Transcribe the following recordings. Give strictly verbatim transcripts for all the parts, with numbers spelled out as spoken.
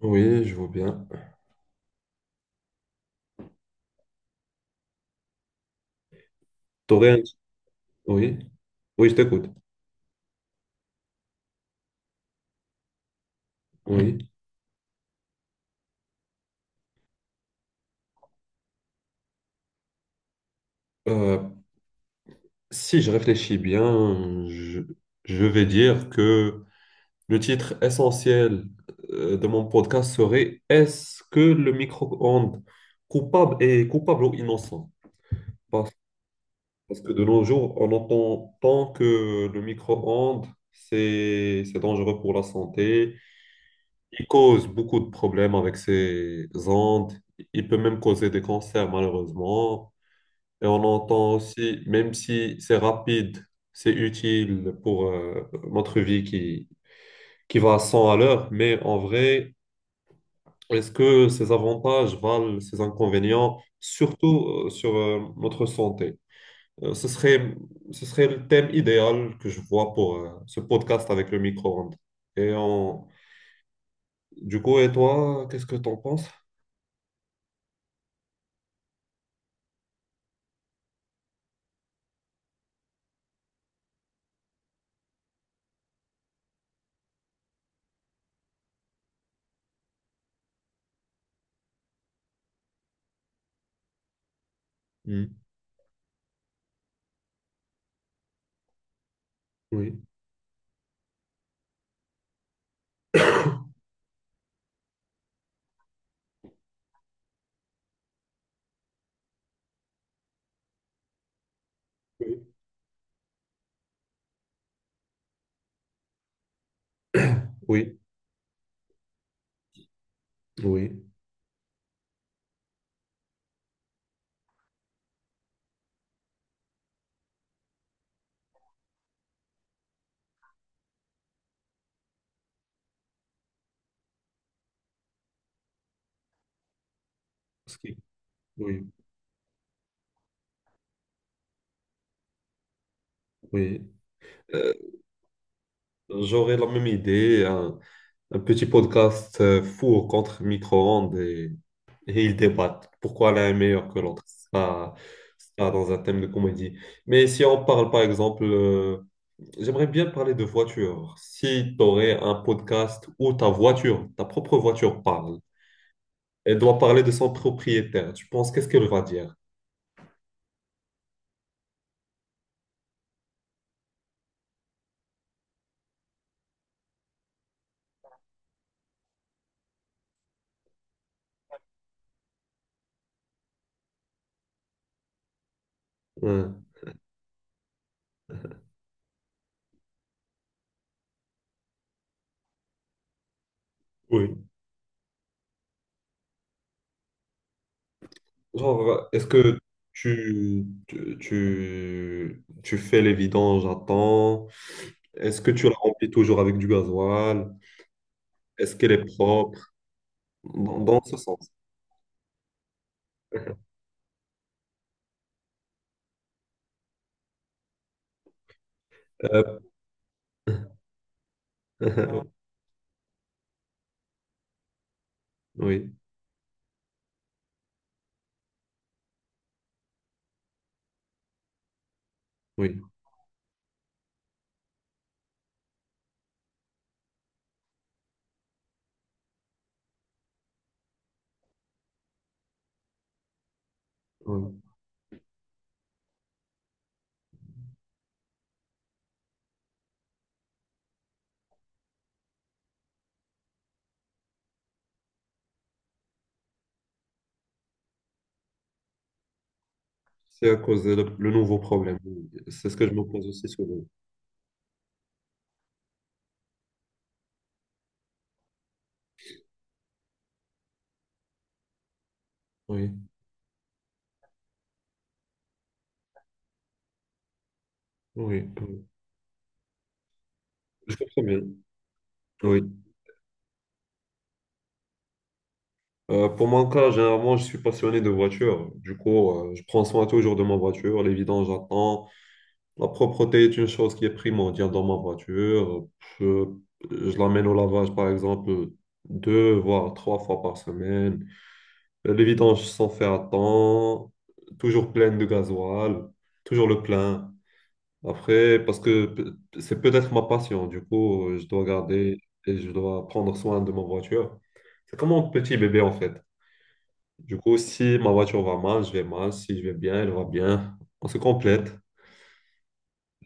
Oui, je vois bien. T'aurais un... Oui, oui, je t'écoute. Oui. Euh, Si je réfléchis bien, je, je vais dire que le titre essentiel euh, de mon podcast serait « Est-ce que le micro-ondes coupable est coupable ou innocent? » Parce, parce que de nos jours, on entend tant que le micro-ondes, c'est, c'est dangereux pour la santé. Il cause beaucoup de problèmes avec ses ondes. Il peut même causer des cancers, malheureusement. Et on entend aussi, même si c'est rapide, c'est utile pour euh, notre vie qui, qui va à cent à l'heure, mais en vrai, est-ce que ces avantages valent ces inconvénients, surtout euh, sur euh, notre santé? Euh, ce serait, ce serait le thème idéal que je vois pour euh, ce podcast avec le micro-ondes. Et on- du coup, et toi, qu'est-ce que t'en penses? Hmm. Oui, oui, oui, oui. Ce qui- oui, oui. Euh, J'aurais la même idée, hein. Un petit podcast euh, four contre micro-ondes et, et ils débattent pourquoi l'un est meilleur que l'autre. Ça, ça dans un thème de comédie. Mais si on parle par exemple, euh, j'aimerais bien parler de voiture. Si tu aurais un podcast où ta voiture, ta propre voiture parle, elle doit parler de son propriétaire, tu penses qu'est-ce qu'elle va dire? Hein. Oui. Genre, est-ce que tu, tu, tu, tu fais les vidanges à temps? Est-ce que tu la remplis toujours avec du gasoil? Est-ce qu'elle est propre? Dans, dans ce sens. Euh, oui, oui, oui. C'est à cause de le, le nouveau problème. C'est ce que je me pose aussi souvent. Oui, oui, oui. Je comprends bien. Oui. Euh, pour mon cas, généralement, je suis passionné de voiture. Du coup, euh, je prends soin toujours de ma voiture. Les vidanges, j'attends. La propreté est une chose qui est primordiale dans ma voiture. Je, je l'amène au lavage, par exemple, deux voire trois fois par semaine. Les vidanges sont faites à temps, toujours pleines de gasoil, toujours le plein. Après, parce que p- C'est peut-être ma passion, du coup, euh, je dois garder et je dois prendre soin de ma voiture. C'est comme un petit bébé en fait. Du coup, si ma voiture va mal, je vais mal. Si je vais bien, elle va bien. On se complète,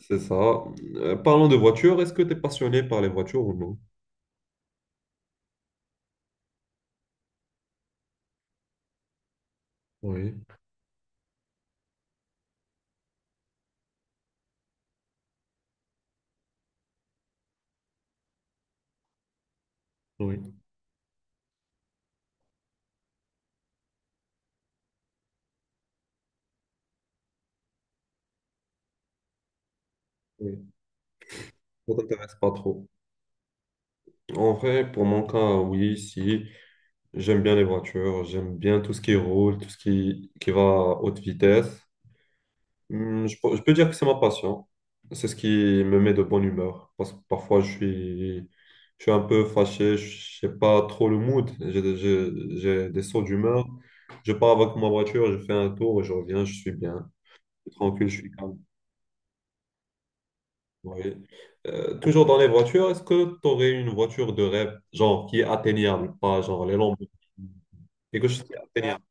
c'est ça. Euh, parlons de voiture, est-ce que tu es passionné par les voitures ou non? Oui, oui. Oui, ça t'intéresse pas trop. En vrai, pour mon cas, oui, si. J'aime bien les voitures, j'aime bien tout ce qui roule, tout ce qui, qui va à haute vitesse. Hum. Je, peux je peux dire que c'est ma passion. C'est ce qui me met de bonne humeur. Parce que parfois, je suis, je suis un peu fâché, je n'ai pas trop le mood. J'ai des j'ai- j'ai des sauts d'humeur. Je pars avec ma voiture, je fais un tour et je reviens, je suis bien. Je suis tranquille, je suis calme. Oui. Euh, toujours dans les voitures, est-ce que tu aurais une voiture de rêve, genre qui est atteignable, pas genre les Lamborghini, quelque chose qui est atteignable?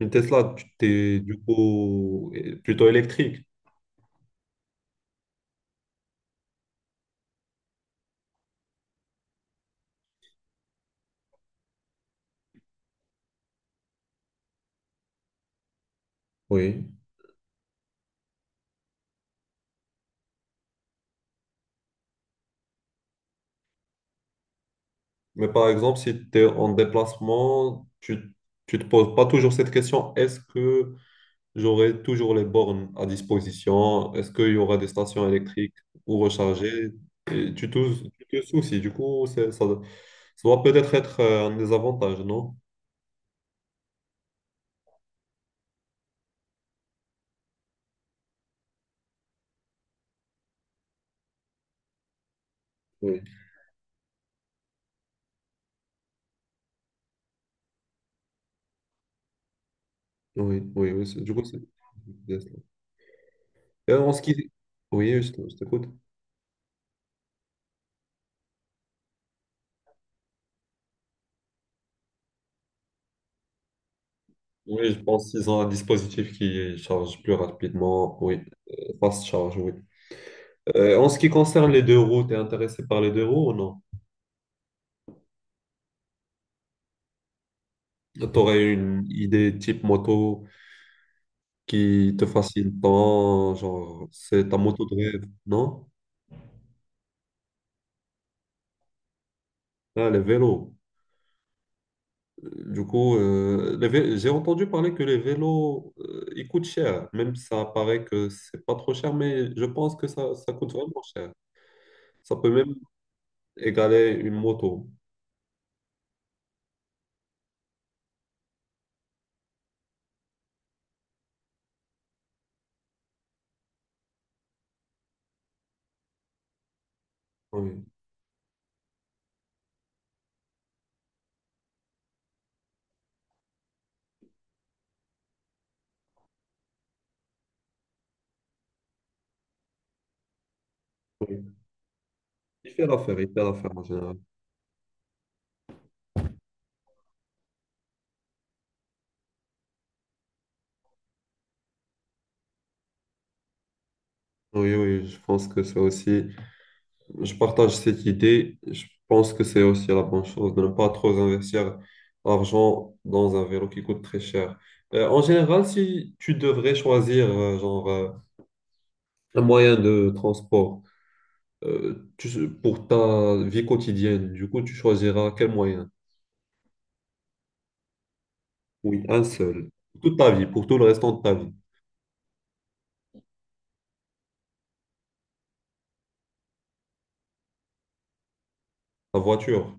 Une Tesla, tu t'es du coup euh, plutôt électrique. Oui. Mais par exemple, si tu es en déplacement, tu tu te poses pas toujours cette question, est-ce que j'aurai toujours les bornes à disposition? Est-ce qu'il y aura des stations électriques ou recharger? Et tu te, tu te soucies. Du coup, c'est- ça, ça doit peut-être être euh, un désavantage, non? Oui. Oui, oui, oui. c'est- Du coup, c'est... Et en ce qui... Oui, je te- je t'écoute. Oui, je pense qu'ils ont un dispositif qui charge plus rapidement. Oui, euh, fast charge, oui. Euh, en ce qui concerne les deux roues, t'es intéressé par les deux roues ou non? T'aurais une idée type moto qui te fascine tant, genre, c'est ta moto de rêve, non? Ah, les vélos. Euh, Du coup, euh, les vé- j'ai entendu parler que les vélos, euh, ils coûtent cher. Même ça paraît que c'est pas trop cher, mais je pense que ça, ça coûte vraiment cher. Ça peut même égaler une moto. Oui. Il fait l'affaire, il fait l'affaire en général. Oui, oui, je pense que c'est aussi, je partage cette idée. Je pense que c'est aussi la bonne chose de ne pas trop investir l'argent dans un vélo qui coûte très cher. Euh, en général, si tu devrais choisir euh, genre euh, un moyen de transport, euh, tu- pour ta vie quotidienne, du coup, tu choisiras quel moyen? Oui, un seul. Pour toute ta vie, pour tout le restant de ta vie. La voiture.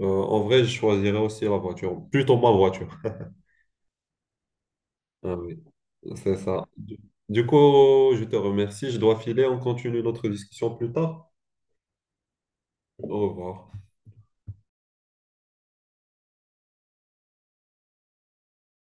Euh, en vrai, je choisirais aussi la voiture, plutôt ma voiture. Ah oui, c'est ça. Du du coup, je te remercie. Je dois filer. On continue notre discussion plus tard. Au revoir.